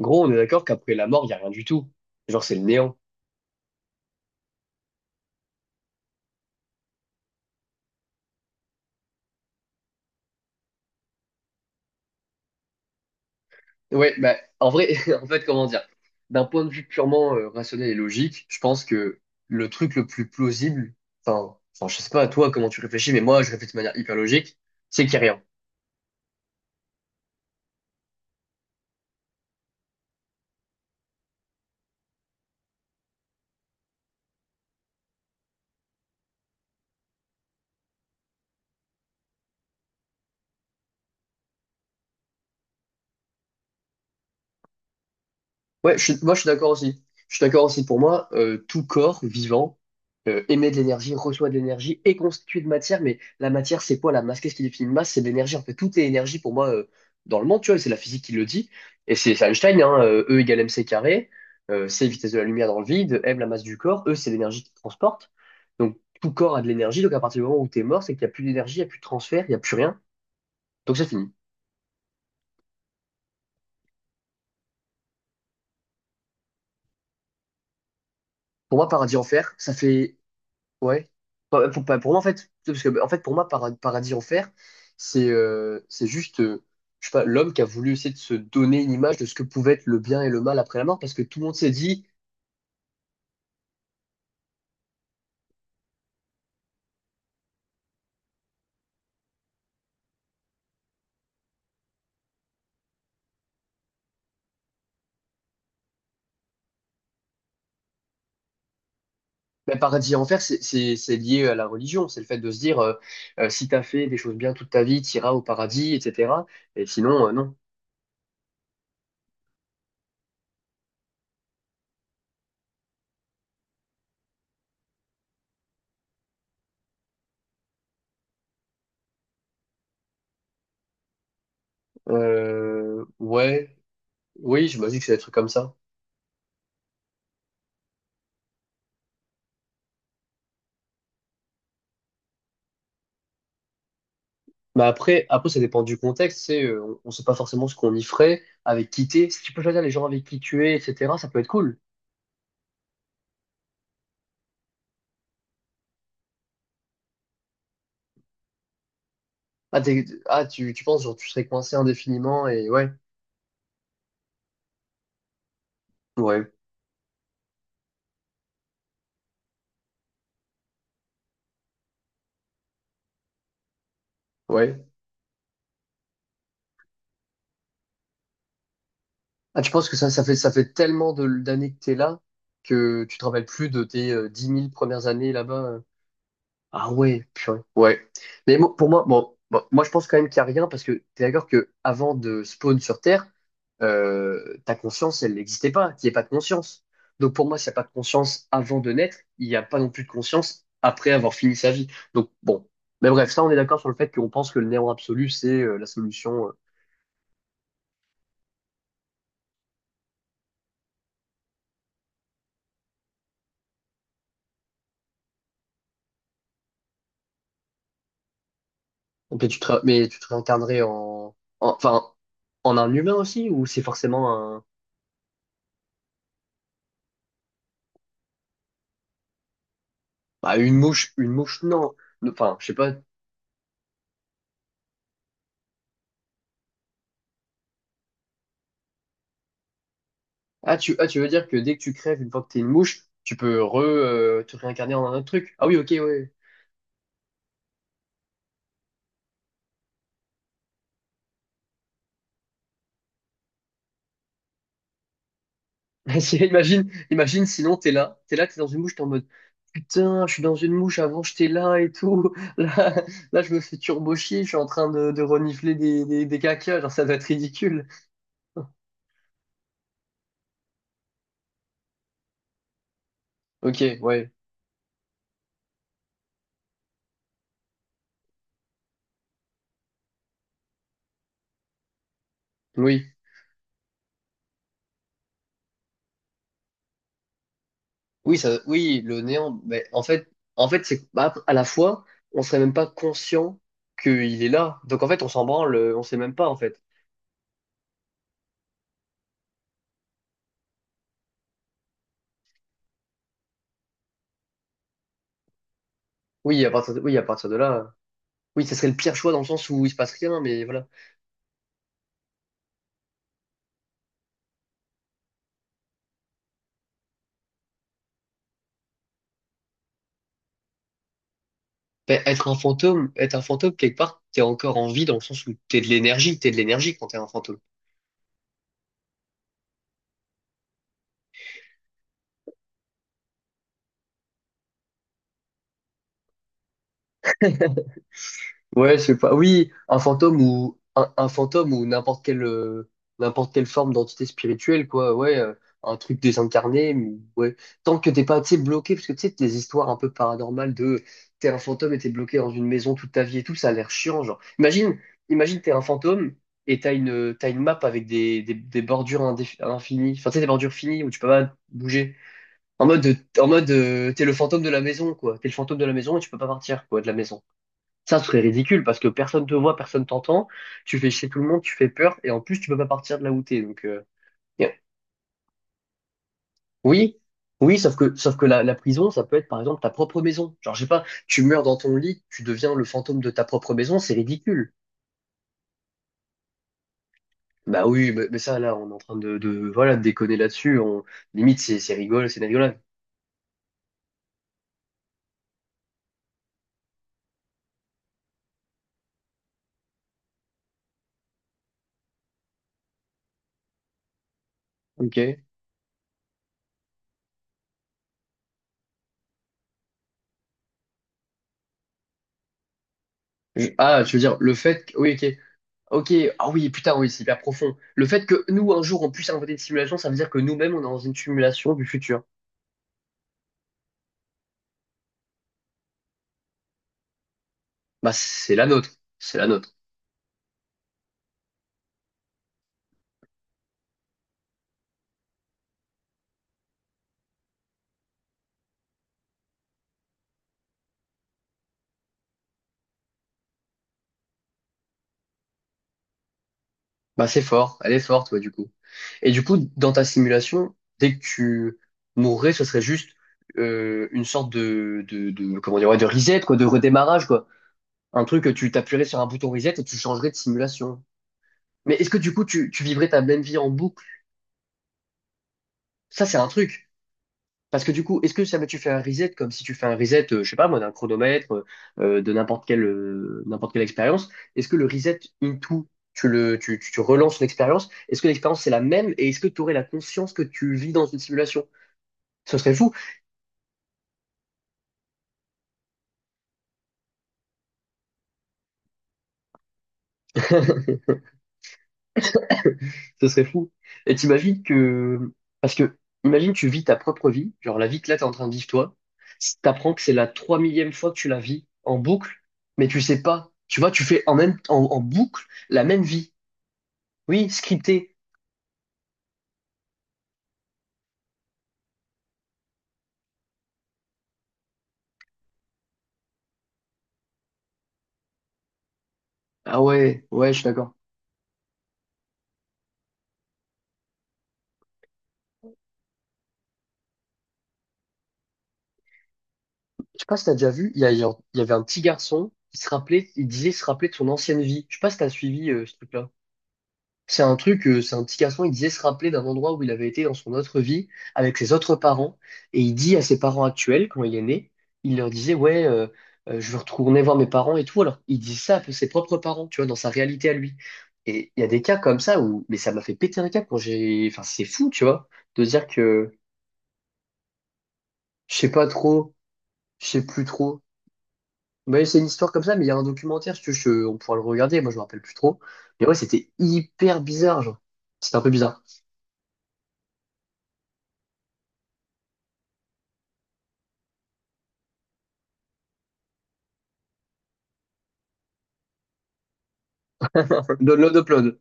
Gros, on est d'accord qu'après la mort, il n'y a rien du tout. Genre, c'est le néant. Ouais, bah, en vrai, en fait, comment dire? D'un point de vue purement rationnel et logique, je pense que le truc le plus plausible, enfin, je sais pas à toi comment tu réfléchis, mais moi, je réfléchis de manière hyper logique, c'est qu'il y a rien. Moi je suis d'accord aussi. Je suis d'accord aussi. Pour moi, tout corps vivant émet de l'énergie, reçoit de l'énergie, est constitué de matière. Mais la matière, c'est quoi la masse? Qu'est-ce qui définit une masse? C'est de l'énergie. En fait, tout est énergie pour moi dans le monde. Tu vois, et c'est la physique qui le dit. Et c'est Einstein, hein, E égale mc carré. C vitesse de la lumière dans le vide. M la masse du corps. E c'est l'énergie qui transporte. Donc tout corps a de l'énergie. Donc à partir du moment où tu es mort, c'est qu'il n'y a plus d'énergie, il n'y a plus de transfert, il n'y a plus rien. Donc c'est fini. Pour moi, paradis enfer, ça fait ouais. Pour moi, en fait, parce que, en fait, pour moi, paradis enfer, c'est juste, je sais pas, l'homme qui a voulu essayer de se donner une image de ce que pouvait être le bien et le mal après la mort, parce que tout le monde s'est dit, bah, paradis enfer, c'est lié à la religion, c'est le fait de se dire, si t'as fait des choses bien toute ta vie, t'iras au paradis, etc. Et sinon, non. Ouais, oui, j'imagine que c'est des trucs comme ça. Bah après, ça dépend du contexte, c'est, on sait pas forcément ce qu'on y ferait, avec qui t'es. Si tu peux choisir les gens avec qui tu es, etc., ça peut être cool. Tu penses, genre, tu serais coincé indéfiniment et ouais, ouais. Ah, tu penses que ça, ça fait tellement de, d'années que t'es là que tu te rappelles plus de tes 10 000 premières années là-bas, euh? Ah ouais, purée. Ouais. Pour moi, moi je pense quand même qu'il n'y a rien parce que t'es d'accord que avant de spawn sur Terre, ta conscience, elle n'existait pas, qu'il n'y ait pas de conscience. Donc pour moi, s'il n'y a pas de conscience avant de naître, il n'y a pas non plus de conscience après avoir fini sa vie. Donc bon. Mais bref, ça on est d'accord sur le fait qu'on pense que le néant absolu, c'est la solution. Donc, mais tu te réincarnerais en, enfin, en un humain aussi, ou c'est forcément un, bah, une mouche, non. Enfin, je sais pas. Ah, tu veux dire que dès que tu crèves, une fois que t'es une mouche, tu peux te réincarner en un autre truc. Ah oui, ok, ouais. Si, imagine, sinon t'es là, t'es dans une mouche, t'es en mode putain, je suis dans une mouche, avant j'étais là et tout. Là, je me fais turbo chier, je suis en train de renifler des cacas, genre ça doit être ridicule. Ok, ouais, oui, oui, le néant. Mais en fait, c'est bah, à la fois, on serait même pas conscient qu'il est là. Donc en fait, on s'en branle, on sait même pas en fait. Oui, oui, à partir de là, oui, ça serait le pire choix dans le sens où il se passe rien, mais voilà. Ben, être un fantôme, quelque part, t'es encore en vie dans le sens où t'es de l'énergie quand t'es un fantôme. Ouais, je sais pas. Oui, un fantôme ou n'importe quelle forme d'entité spirituelle, quoi. Ouais, un truc désincarné. Mais ouais, tant que t'es pas, tu sais, bloqué, parce que tu sais, les histoires un peu paranormales de t'es un fantôme et t'es bloqué dans une maison toute ta vie et tout, ça a l'air chiant, genre. Imagine, imagine t'es un fantôme et t'as une map avec des bordures infinies, enfin tu sais, des bordures finies où tu peux pas bouger. En mode t'es le fantôme de la maison, quoi. T'es le fantôme de la maison et tu peux pas partir, quoi, de la maison. Ça ce serait ridicule parce que personne te voit, personne t'entend, tu fais chier tout le monde, tu fais peur et en plus tu peux pas partir de là où t'es. Donc yeah. Oui, sauf que la prison, ça peut être par exemple ta propre maison. Genre je sais pas, tu meurs dans ton lit, tu deviens le fantôme de ta propre maison, c'est ridicule. Bah oui, mais ça là, on est en train de voilà de déconner là-dessus. On limite c'est rigole, c'est une rigolade. Ok. Je- Ah, tu veux dire le fait que... oui, ok. Ok, ah oui, putain, oui, c'est hyper profond. Le fait que nous, un jour, on puisse inventer des simulations, ça veut dire que nous-mêmes, on est dans une simulation du futur. Bah, c'est la nôtre. C'est la nôtre. Bah, c'est fort. Elle est forte, ouais, du coup. Et du coup, dans ta simulation, dès que tu mourrais, ce serait juste une sorte de, comment dire, ouais, de reset, quoi, de redémarrage, quoi. Un truc que tu t'appuierais sur un bouton reset et tu changerais de simulation. Mais est-ce que du coup, tu vivrais ta même vie en boucle? Ça, c'est un truc. Parce que du coup, est-ce que ça va, tu fais un reset comme si tu fais un reset, je sais pas moi, d'un chronomètre, de n'importe quelle expérience? Est-ce que le reset into, tu le, tu relances l'expérience? Est-ce que l'expérience c'est la même et est-ce que tu aurais la conscience que tu vis dans une simulation? Ce serait fou. Ce serait fou. Et t'imagines que, parce que, imagine tu vis ta propre vie, genre la vie que là t'es en train de vivre toi, t'apprends que c'est la 3000e fois que tu la vis en boucle, mais tu sais pas. Tu vois, tu fais en en boucle la même vie. Oui, scriptée. Ah ouais, ouais, je suis d'accord. Je sais pas si t'as déjà vu, il y avait un petit garçon qui se rappelait, il disait se rappeler de son ancienne vie. Je sais pas si t'as suivi ce truc-là. C'est un truc, c'est un petit garçon, il disait se rappeler d'un endroit où il avait été dans son autre vie avec ses autres parents. Et il dit à ses parents actuels, quand il est né, il leur disait, ouais, je veux retourner voir mes parents et tout. Alors, il dit ça à ses propres parents, tu vois, dans sa réalité à lui. Et il y a des cas comme ça où, mais ça m'a fait péter un câble quand j'ai, enfin, c'est fou, tu vois, de dire que je sais pas trop. Je sais plus trop. Mais c'est une histoire comme ça, mais il y a un documentaire, si tu veux, je- on pourra le regarder, moi je me rappelle plus trop. Mais ouais, c'était hyper bizarre, genre. C'était un peu bizarre. Download, upload.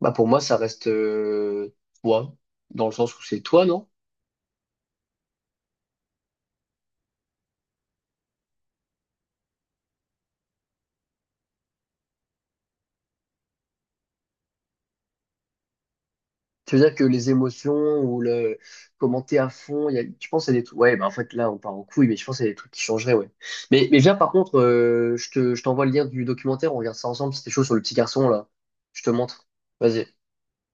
Bah pour moi, ça reste toi, dans le sens où c'est toi, non? Tu veux dire que les émotions ou le commenter à fond, il y a, je pense que c'est des trucs. Ouais, bah en fait là, on part en couille, mais je pense que c'est des trucs qui changeraient, ouais. Mais viens, par contre, je t'envoie le lien du documentaire, on regarde ça ensemble, c'était chaud sur le petit garçon, là. Je te montre. Vas-y.